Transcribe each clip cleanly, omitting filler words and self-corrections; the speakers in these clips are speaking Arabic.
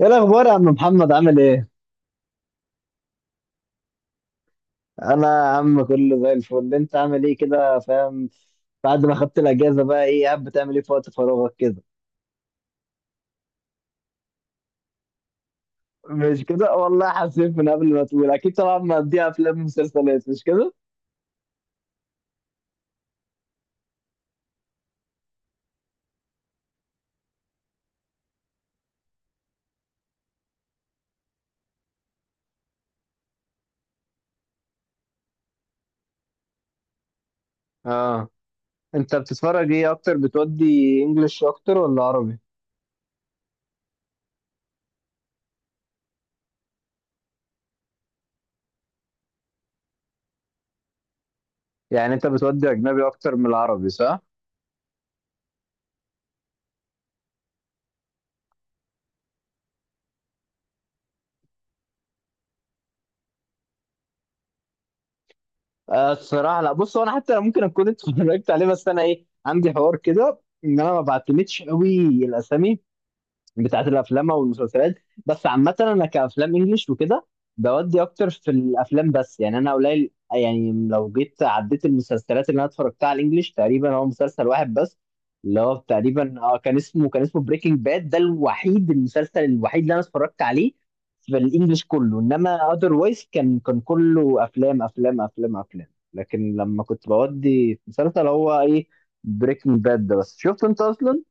ايه الاخبار يا عم محمد؟ عامل ايه؟ انا يا عم كله زي الفل. انت عامل ايه كده، فاهم؟ بعد ما خدت الاجازه بقى، ايه قاعد بتعمل ايه في وقت فراغك كده؟ مش كده والله، حاسين من قبل ما تقول اكيد طبعا مقضيها افلام ومسلسلات، مش كده؟ اه. انت بتتفرج ايه اكتر، بتودي انجلش اكتر ولا عربي؟ يعني انت بتودي اجنبي اكتر من العربي، صح؟ آه الصراحه، لا بص، هو انا حتى ممكن اكون اتفرجت عليه، بس انا ايه، عندي حوار كده ان انا ما بعتمدش قوي الاسامي بتاعت الافلام او المسلسلات. بس عامه انا كافلام انجليش وكده بودي اكتر في الافلام، بس يعني انا قليل. يعني لو جيت عديت المسلسلات اللي انا اتفرجتها على الانجليش تقريبا هو مسلسل واحد بس. اللي هو تقريبا كان اسمه بريكنج باد. ده الوحيد، المسلسل الوحيد اللي انا اتفرجت عليه في الانجليش كله. انما اذروايز كان كله افلام افلام افلام افلام. لكن لما كنت بودي في مسلسل، هو ايه، بريكنج باد ده. بس شفت انت اصلا؟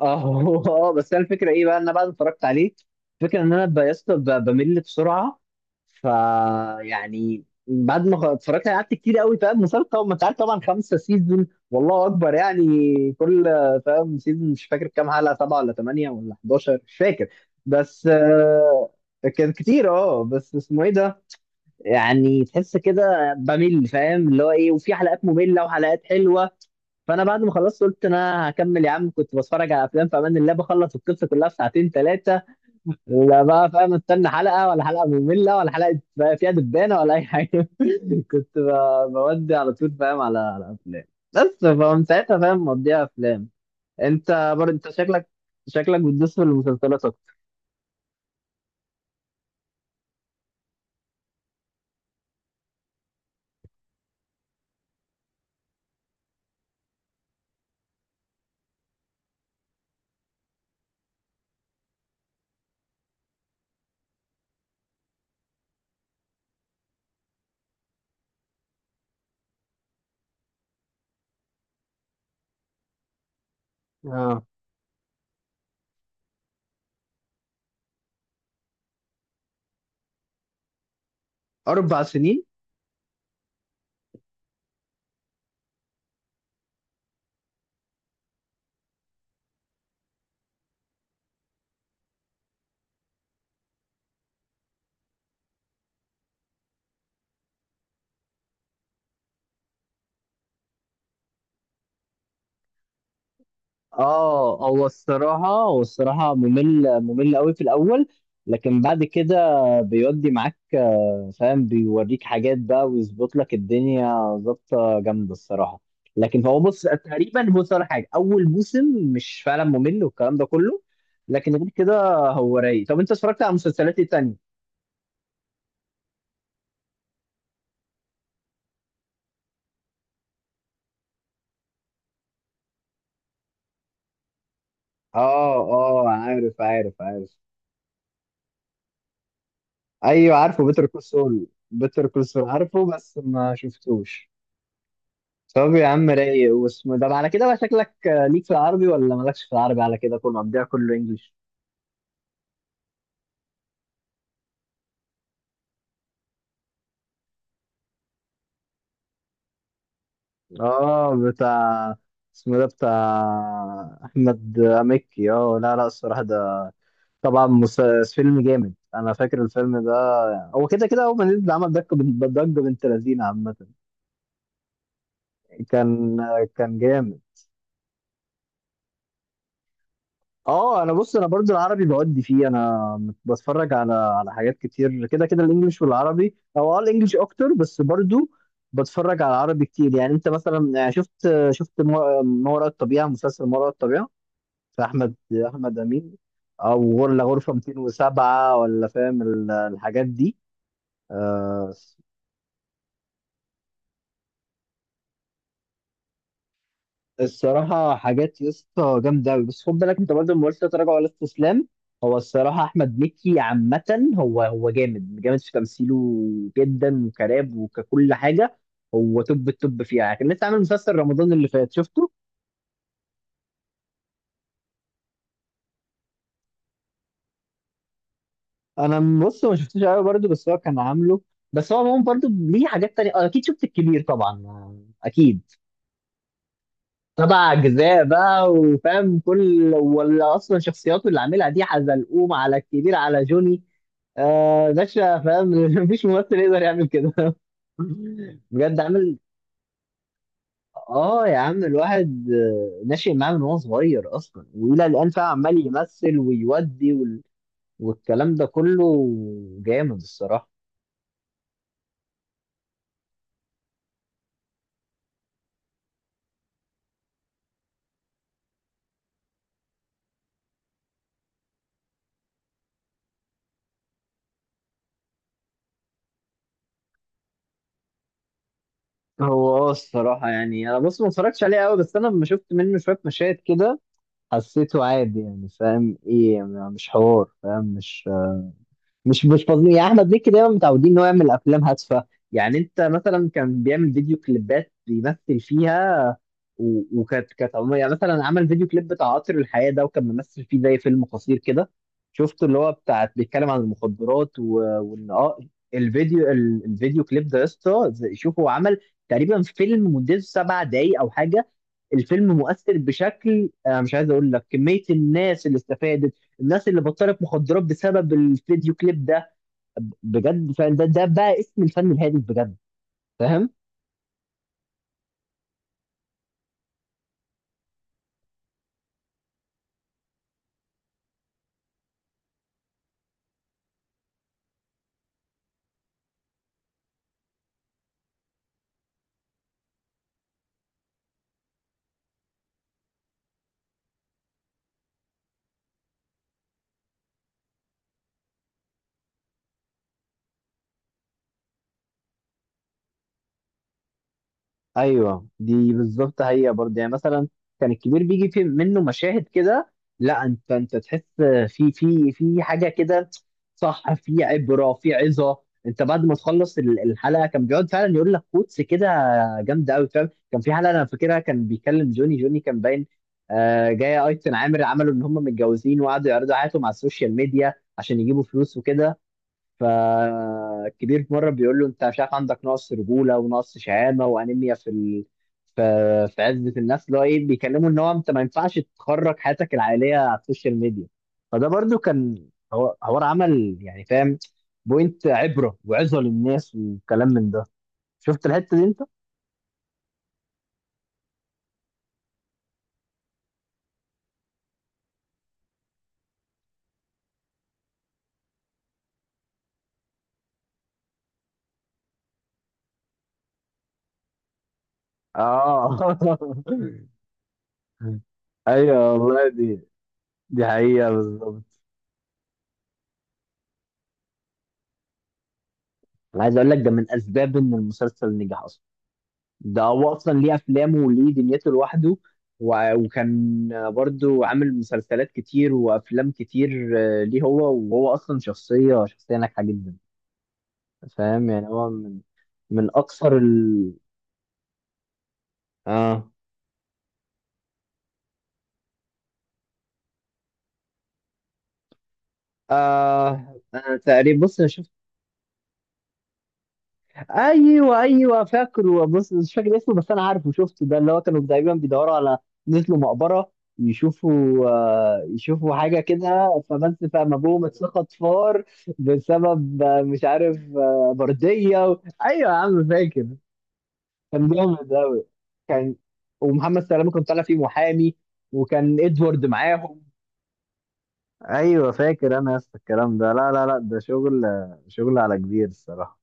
اه. اه بس انا الفكره ايه بقى، ان انا بعد ما اتفرجت عليه، الفكره ان انا يا اسطى بمل بسرعه. ف يعني بعد ما اتفرجت عليه قعدت كتير قوي، فاهم؟ مسلسل طبعا، ما انت عارف طبعا، 5 سيزون، والله اكبر يعني. كل، فاهم، سيزون، مش فاكر كام حلقه، سبعه ولا ثمانيه ولا 11، مش فاكر. بس كان كتير. اه بس اسمه ايه ده، يعني تحس كده بمل، فاهم اللي هو ايه، وفي حلقات ممله وحلقات حلوه. فانا بعد ما خلصت قلت انا هكمل، يا عم كنت بتفرج على افلام في امان الله، بخلص القصه كلها في ساعتين ثلاثه. لا بقى، فاهم، استنى حلقه، ولا حلقه ممله، ولا حلقه بقى فيها دبانه ولا اي حاجه. كنت بودي على طول، فاهم، على افلام. بس فمن ساعتها، فاهم، مضيع افلام. انت برضه، انت شكلك، شكلك بتدوس في المسلسلات اكتر. اه، 4 سنين. اه، هو الصراحة، ممل، ممل قوي في الأول، لكن بعد كده بيودي معاك. فاهم، بيوريك حاجات بقى ويظبط لك الدنيا. ظابطة جامدة الصراحة. لكن هو بص تقريبا، بص على حاجة أول موسم، مش فعلا ممل والكلام ده كله. لكن غير كده هو رايق. طب أنت اتفرجت على مسلسلات إيه تانية؟ اه، اه، عارف، عارف، عارف. أيوه عارفه، بيتر كول سول، بيتر كول سول، عارفه بس ما شفتوش. طب يا عم رايق، واسمه ده. على كده بقى شكلك ليك في العربي ولا مالكش في العربي؟ على كده كله مضيع، كله انجليش. اه، بتاع، اسمه ده بتاع احمد مكي. اه، لا، لا، الصراحه ده طبعا فيلم جامد. انا فاكر الفيلم ده، هو كده كده اول ما نزل عمل ضجه، ضجه بنت لذينه عامه. كان، كان جامد. اه، انا بص، انا برضو العربي بودي فيه. انا بتفرج على حاجات كتير كده كده، الانجليش والعربي، او الانجليش اكتر، بس برضو بتفرج على العربي كتير. يعني انت مثلا، يعني شفت ما وراء الطبيعة، مسلسل ما وراء الطبيعة، في احمد، احمد امين، او غرفة 207، ولا فاهم الحاجات دي؟ آه، الصراحة حاجات يا اسطى جامدة أوي. بس خد بالك أنت برضه ما قلتش لا تراجع ولا استسلام. هو الصراحة أحمد مكي عامة، هو جامد، جامد في تمثيله جدا، وكراب، وككل حاجة. هو توب التوب فيها يعني. كان لسه عامل مسلسل رمضان اللي فات، شفته؟ أنا بص ما شفتوش أوي برضه، بس هو كان عامله. بس هو عموما برضه ليه حاجات تانية. أكيد شفت الكبير طبعا. أكيد، سبع أجزاء بقى، وفاهم كل، ولا أصلا شخصياته اللي عاملها دي، حزلقوم، على الكبير، على جوني، آه باشا، فاهم؟ مفيش ممثل يقدر يعمل كده. بجد عامل. اه يا عم، الواحد ناشئ معاه من وهو صغير اصلا، والى الان فعلا عمال يمثل ويودي وال... والكلام ده كله. جامد الصراحه. هو، الصراحه يعني، انا بص ما اتفرجتش عليه قوي، بس انا لما شفت منه شويه مشاهد كده حسيته عادي. يعني فاهم ايه، مش حوار فاهم، مش فاضيين. يعني احمد مكي دايما متعودين ان هو يعمل افلام هادفه. يعني انت مثلا، كان بيعمل فيديو كليبات بيمثل فيها. وكانت عموما يعني. مثلا عمل فيديو كليب بتاع قطر الحياة ده، وكان ممثل فيه زي فيلم قصير كده. شفته؟ اللي هو بتاع بيتكلم عن المخدرات و... وان الفيديو، الفيديو كليب ده، يا اسطى شوف، هو عمل تقريبا فيلم مدته 7 دقايق او حاجة. الفيلم مؤثر بشكل انا مش عايز اقول لك كمية الناس اللي استفادت، الناس اللي بطلت مخدرات بسبب الفيديو كليب ده بجد. فده بقى اسم الفن الهادف بجد، فاهم. ايوه دي بالظبط، هي برضه، يعني مثلا كان الكبير بيجي في منه مشاهد كده، لا انت تحس في حاجه كده، صح، في عبره، في عظه. انت بعد ما تخلص الحلقه، كان بيقعد فعلا يقول لك كوتس كده جامده قوي، فاهم. كان في حلقه انا فاكرها كان بيكلم جوني، جوني كان باين جايه ايتن عامر، عملوا ان هم متجوزين، وقعدوا يعرضوا حياتهم على السوشيال ميديا عشان يجيبوا فلوس وكده. فالكبير في مره بيقول له انت مش عارف، عندك نقص رجوله، ونقص شهامه، وانيميا في ال... في، عزه الناس، اللي هو ايه، بيكلمه ان هو انت ما ينفعش تخرج حياتك العائليه على السوشيال ميديا. فده برضو كان، هو عمل يعني، فاهم، بوينت، عبره وعظه للناس والكلام من ده. شفت الحته دي انت؟ اه. ايوه والله، دي، دي حقيقه بالظبط. انا عايز اقول لك ده من اسباب ان المسلسل نجح اصلا. ده هو اصلا ليه افلامه وليه دنيته لوحده. وكان برضو عامل مسلسلات كتير وافلام كتير. ليه هو، وهو اصلا شخصيه ناجحه جدا، فاهم. يعني هو من، من اكثر ال، اه. آه أنا تقريبا بص أنا شفت. ايوه، ايوه، فاكره، بص مش فاكر اسمه، بس انا عارفه شفته. ده اللي هو كانوا دايما بيدوروا على، نزلوا مقبره يشوفوا حاجه كده، فبس فقام ابوهم اتسقط فار. بسبب مش عارف برديه و... ايوه يا عم فاكر. كان جامد قوي، كان، ومحمد سلامه كان طالع فيه محامي، وكان ادوارد معاهم. ايوه فاكر انا. يا اسطى الكلام ده لا، لا، لا، ده شغل، شغل على كبير الصراحه.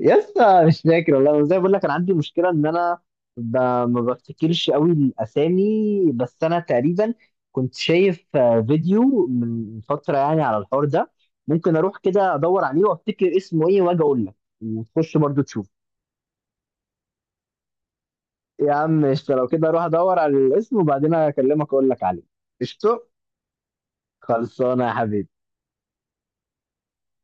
يا اسطى مش فاكر والله، زي ما بقول لك، انا عندي مشكله ان انا ما بفتكرش قوي الاسامي. بس انا تقريبا كنت شايف فيديو من فتره يعني على الحوار ده. ممكن اروح كده ادور عليه وافتكر اسمه ايه واجي اقول لك، وتخش برضو تشوف. يا عم قشطه، لو كده اروح ادور على الاسم وبعدين اكلمك اقول لك عليه. قشطه. خلصانه يا حبيبي.